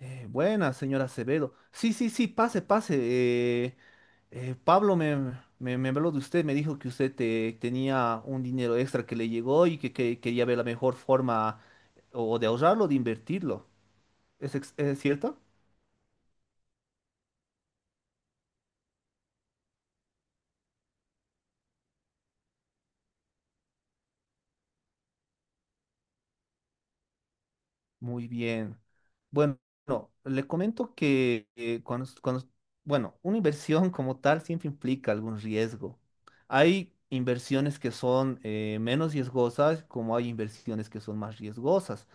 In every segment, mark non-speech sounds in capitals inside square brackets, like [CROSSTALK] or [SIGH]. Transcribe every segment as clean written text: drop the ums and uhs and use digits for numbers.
Buenas, señora Acevedo. Sí, sí, sí, pase, pase. Pablo me habló de usted, me dijo que usted tenía un dinero extra que le llegó y que quería ver la mejor forma o de ahorrarlo o de invertirlo. ¿Es cierto? Muy bien. Bueno, le comento que bueno, una inversión [LAUGHS] como tal siempre implica algún riesgo. Hay inversiones que son menos riesgosas, como hay inversiones que son más riesgosas.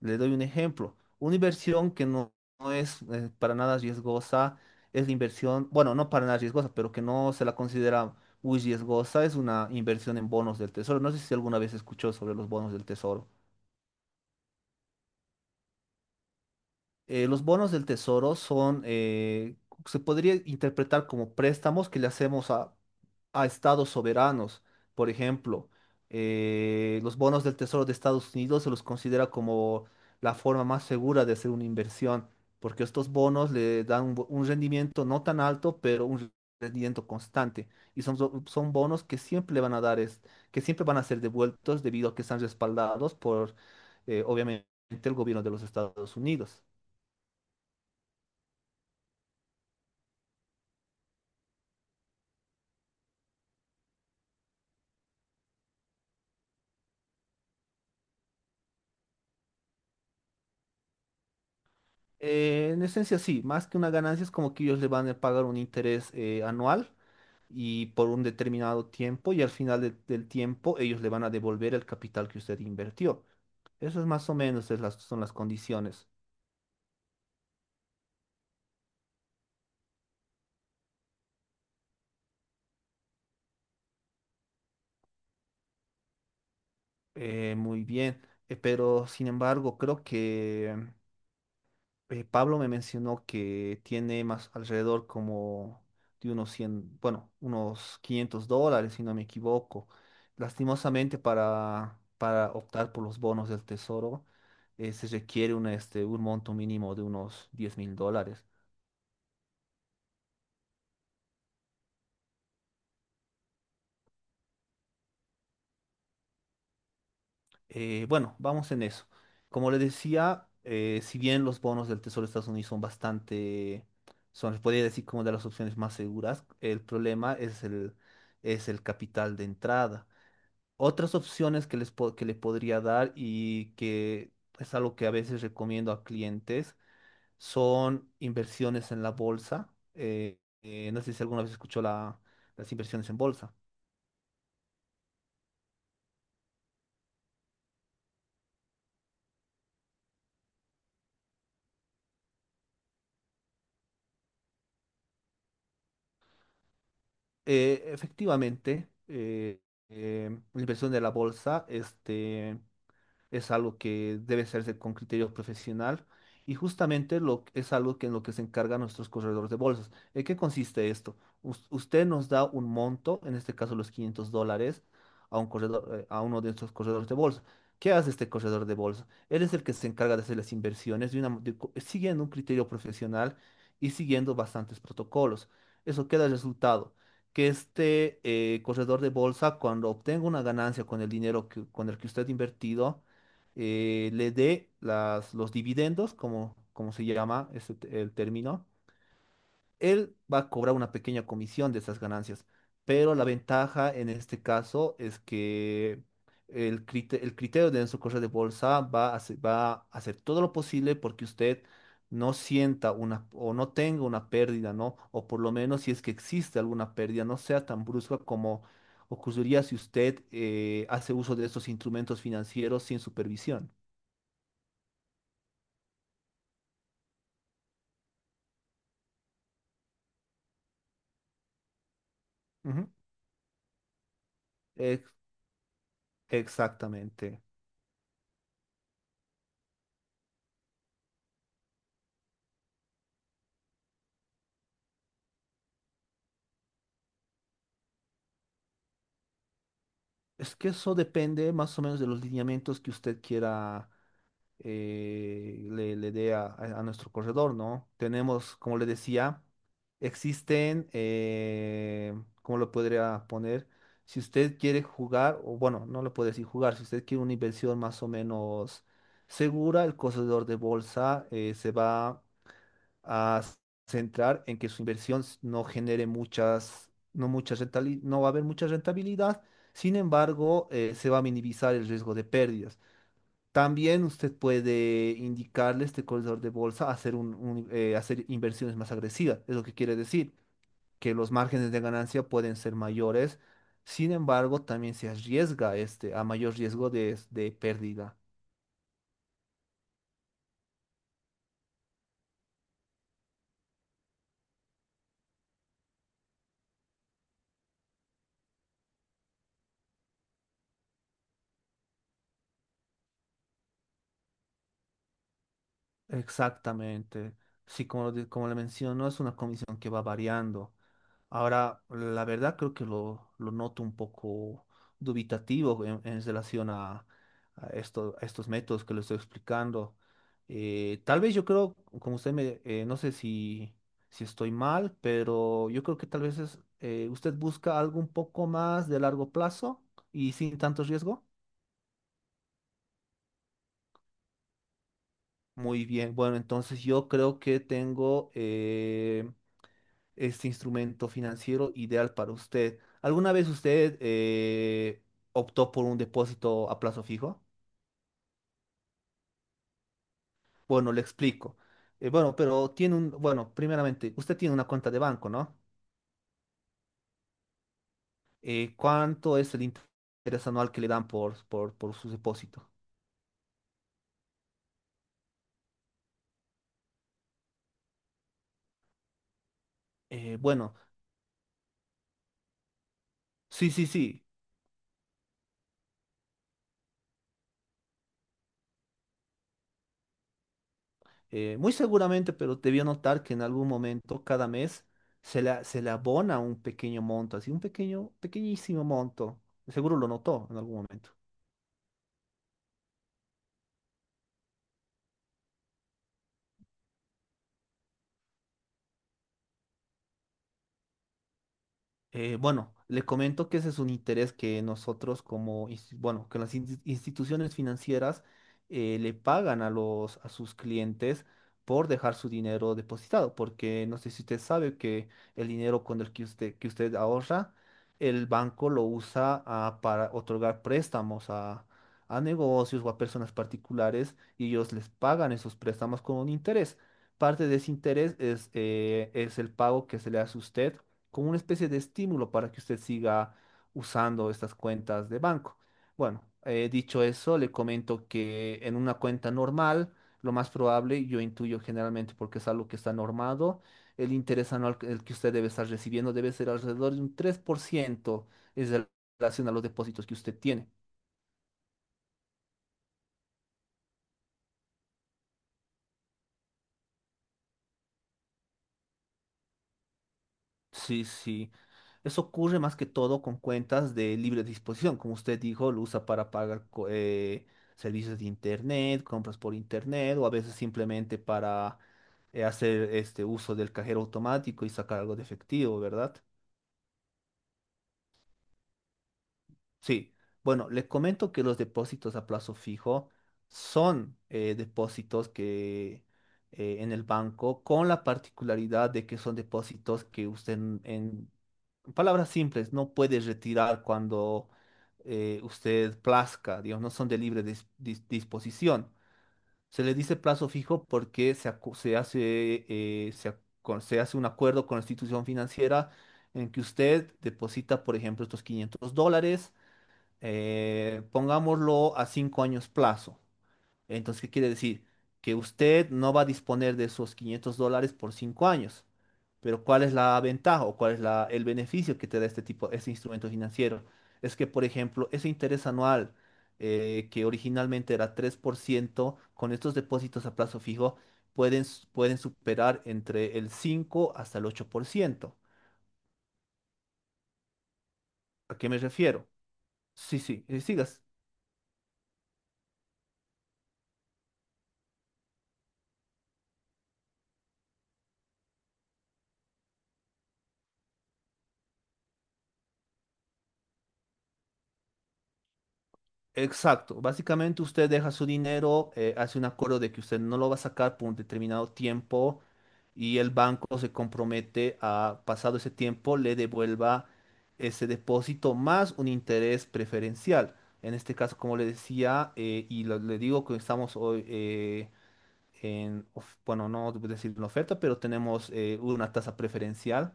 Le doy un ejemplo. Una inversión que no, no es para nada riesgosa es la inversión, bueno, no para nada riesgosa, pero que no se la considera muy riesgosa, es una inversión en bonos del tesoro. No sé si alguna vez escuchó sobre los bonos del tesoro. Los bonos del tesoro son, se podría interpretar como préstamos que le hacemos a estados soberanos. Por ejemplo, los bonos del tesoro de Estados Unidos se los considera como la forma más segura de hacer una inversión, porque estos bonos le dan un rendimiento no tan alto, pero un rendimiento constante. Y son bonos que siempre le van a dar, que siempre van a ser devueltos debido a que están respaldados por, obviamente, el gobierno de los Estados Unidos. En esencia sí, más que una ganancia es como que ellos le van a pagar un interés anual y por un determinado tiempo y al final del tiempo ellos le van a devolver el capital que usted invirtió. Eso es más o menos es las, son las condiciones. Muy bien, pero sin embargo creo que Pablo me mencionó que tiene más alrededor como de unos 100, bueno, unos $500, si no me equivoco. Lastimosamente para optar por los bonos del tesoro se requiere un monto mínimo de unos $10,000. Bueno, vamos en eso. Como le decía, si bien los bonos del tesoro de Estados Unidos son bastante, son, les podría decir, como de las opciones más seguras, el problema es el capital de entrada. Otras opciones que le podría dar y que es algo que a veces recomiendo a clientes son inversiones en la bolsa. No sé si alguna vez escuchó las inversiones en bolsa. Efectivamente, la inversión de la bolsa, es algo que debe hacerse con criterio profesional y justamente es algo que en lo que se encargan nuestros corredores de bolsas. ¿En qué consiste esto? Usted nos da un monto, en este caso los $500, a un corredor, a uno de nuestros corredores de bolsa. ¿Qué hace este corredor de bolsa? Él es el que se encarga de hacer las inversiones de una, mo- de co- siguiendo un criterio profesional y siguiendo bastantes protocolos. Eso queda el resultado que este corredor de bolsa, cuando obtenga una ganancia con el dinero que, con el que usted ha invertido, le dé las, los dividendos, como se llama ese el término, él va a cobrar una pequeña comisión de esas ganancias. Pero la ventaja en este caso es que el criterio de Enzo Correa de Bolsa va a hacer todo lo posible porque usted no sienta una o no tenga una pérdida, ¿no? O por lo menos si es que existe alguna pérdida, no sea tan brusca como ocurriría si usted hace uso de estos instrumentos financieros sin supervisión. Ujú. Ex- Exactamente. Es que eso depende más o menos de los lineamientos que usted quiera le dé a nuestro corredor, ¿no? Tenemos, como le decía, existen, ¿cómo lo podría poner? Si usted quiere jugar, o bueno, no lo puede decir jugar, si usted quiere una inversión más o menos segura, el corredor de bolsa se va a centrar en que su inversión no genere muchas, no va a haber mucha rentabilidad, sin embargo, se va a minimizar el riesgo de pérdidas. También usted puede indicarle a este corredor de bolsa hacer inversiones más agresivas. Es lo que quiere decir, que los márgenes de ganancia pueden ser mayores. Sin embargo, también se arriesga a mayor riesgo de pérdida. Exactamente. Sí, como le menciono, es una comisión que va variando. Ahora, la verdad creo que lo noto un poco dubitativo en relación a estos métodos que le estoy explicando. Tal vez yo creo, no sé si estoy mal, pero yo creo que tal vez usted busca algo un poco más de largo plazo y sin tanto riesgo. Muy bien, bueno, entonces yo creo que tengo este instrumento financiero ideal para usted. ¿Alguna vez usted optó por un depósito a plazo fijo? Bueno, le explico. Bueno, pero tiene primeramente, usted tiene una cuenta de banco, ¿no? ¿Cuánto es el interés anual que le dan por su depósito? Bueno, sí, sí, sí. Muy seguramente, pero debió notar que en algún momento, cada mes, se le abona un pequeño monto, así un pequeño, pequeñísimo monto. Seguro lo notó en algún momento. Bueno, le comento que ese es un interés que nosotros que las instituciones financieras le pagan a los, a sus clientes por dejar su dinero depositado, porque no sé si usted sabe que el dinero con el que usted ahorra, el banco lo usa para otorgar préstamos a negocios o a personas particulares y ellos les pagan esos préstamos con un interés. Parte de ese interés es el pago que se le hace a usted como una especie de estímulo para que usted siga usando estas cuentas de banco. Bueno, dicho eso, le comento que en una cuenta normal, lo más probable, yo intuyo generalmente porque es algo que está normado, el interés anual que el que usted debe estar recibiendo debe ser alrededor de un 3% en relación a los depósitos que usted tiene. Sí, sí. Eso ocurre más que todo con cuentas de libre disposición. Como usted dijo, lo usa para pagar servicios de internet, compras por internet o a veces simplemente para hacer este uso del cajero automático y sacar algo de efectivo, ¿verdad? Sí. Bueno, le comento que los depósitos a plazo fijo son depósitos que en el banco con la particularidad de que son depósitos que usted en palabras simples no puede retirar cuando usted plazca, digamos, no son de libre disposición. Se le dice plazo fijo porque se, acu- se hace, se, ac- se hace un acuerdo con la institución financiera en que usted deposita, por ejemplo, estos $500, pongámoslo a 5 años plazo. Entonces, ¿qué quiere decir? Que usted no va a disponer de esos $500 por 5 años. Pero ¿cuál es la ventaja o cuál es el beneficio que te da este tipo, este instrumento financiero? Es que, por ejemplo, ese interés anual que originalmente era 3% con estos depósitos a plazo fijo pueden superar entre el 5 hasta el 8%. ¿A qué me refiero? Sí, sí, sigas. Exacto, básicamente usted deja su dinero, hace un acuerdo de que usted no lo va a sacar por un determinado tiempo y el banco se compromete a, pasado ese tiempo, le devuelva ese depósito más un interés preferencial. En este caso, como le decía, y le digo que estamos hoy bueno, no debo decir una oferta, pero tenemos una tasa preferencial.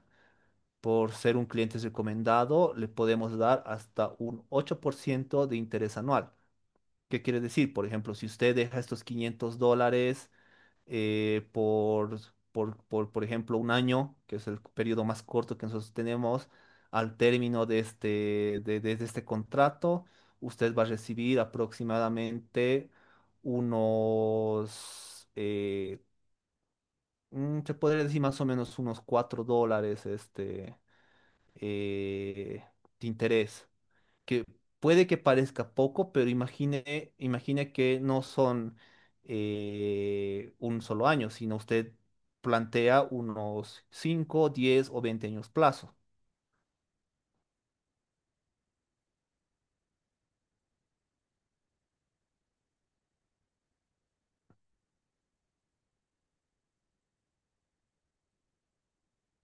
Por ser un cliente recomendado, le podemos dar hasta un 8% de interés anual. ¿Qué quiere decir? Por ejemplo, si usted deja estos $500 eh, por, por ejemplo, un año, que es el periodo más corto que nosotros tenemos, al término de este contrato, usted va a recibir aproximadamente unos, eh, se podría decir más o menos unos $4 eh, de interés que puede que parezca poco, pero imagine que no son un solo año, sino usted plantea unos 5, 10 o 20 años plazo.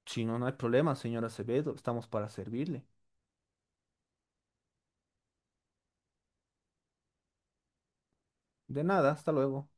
Si no, no hay problema, señora Acevedo, estamos para servirle. De nada, hasta luego.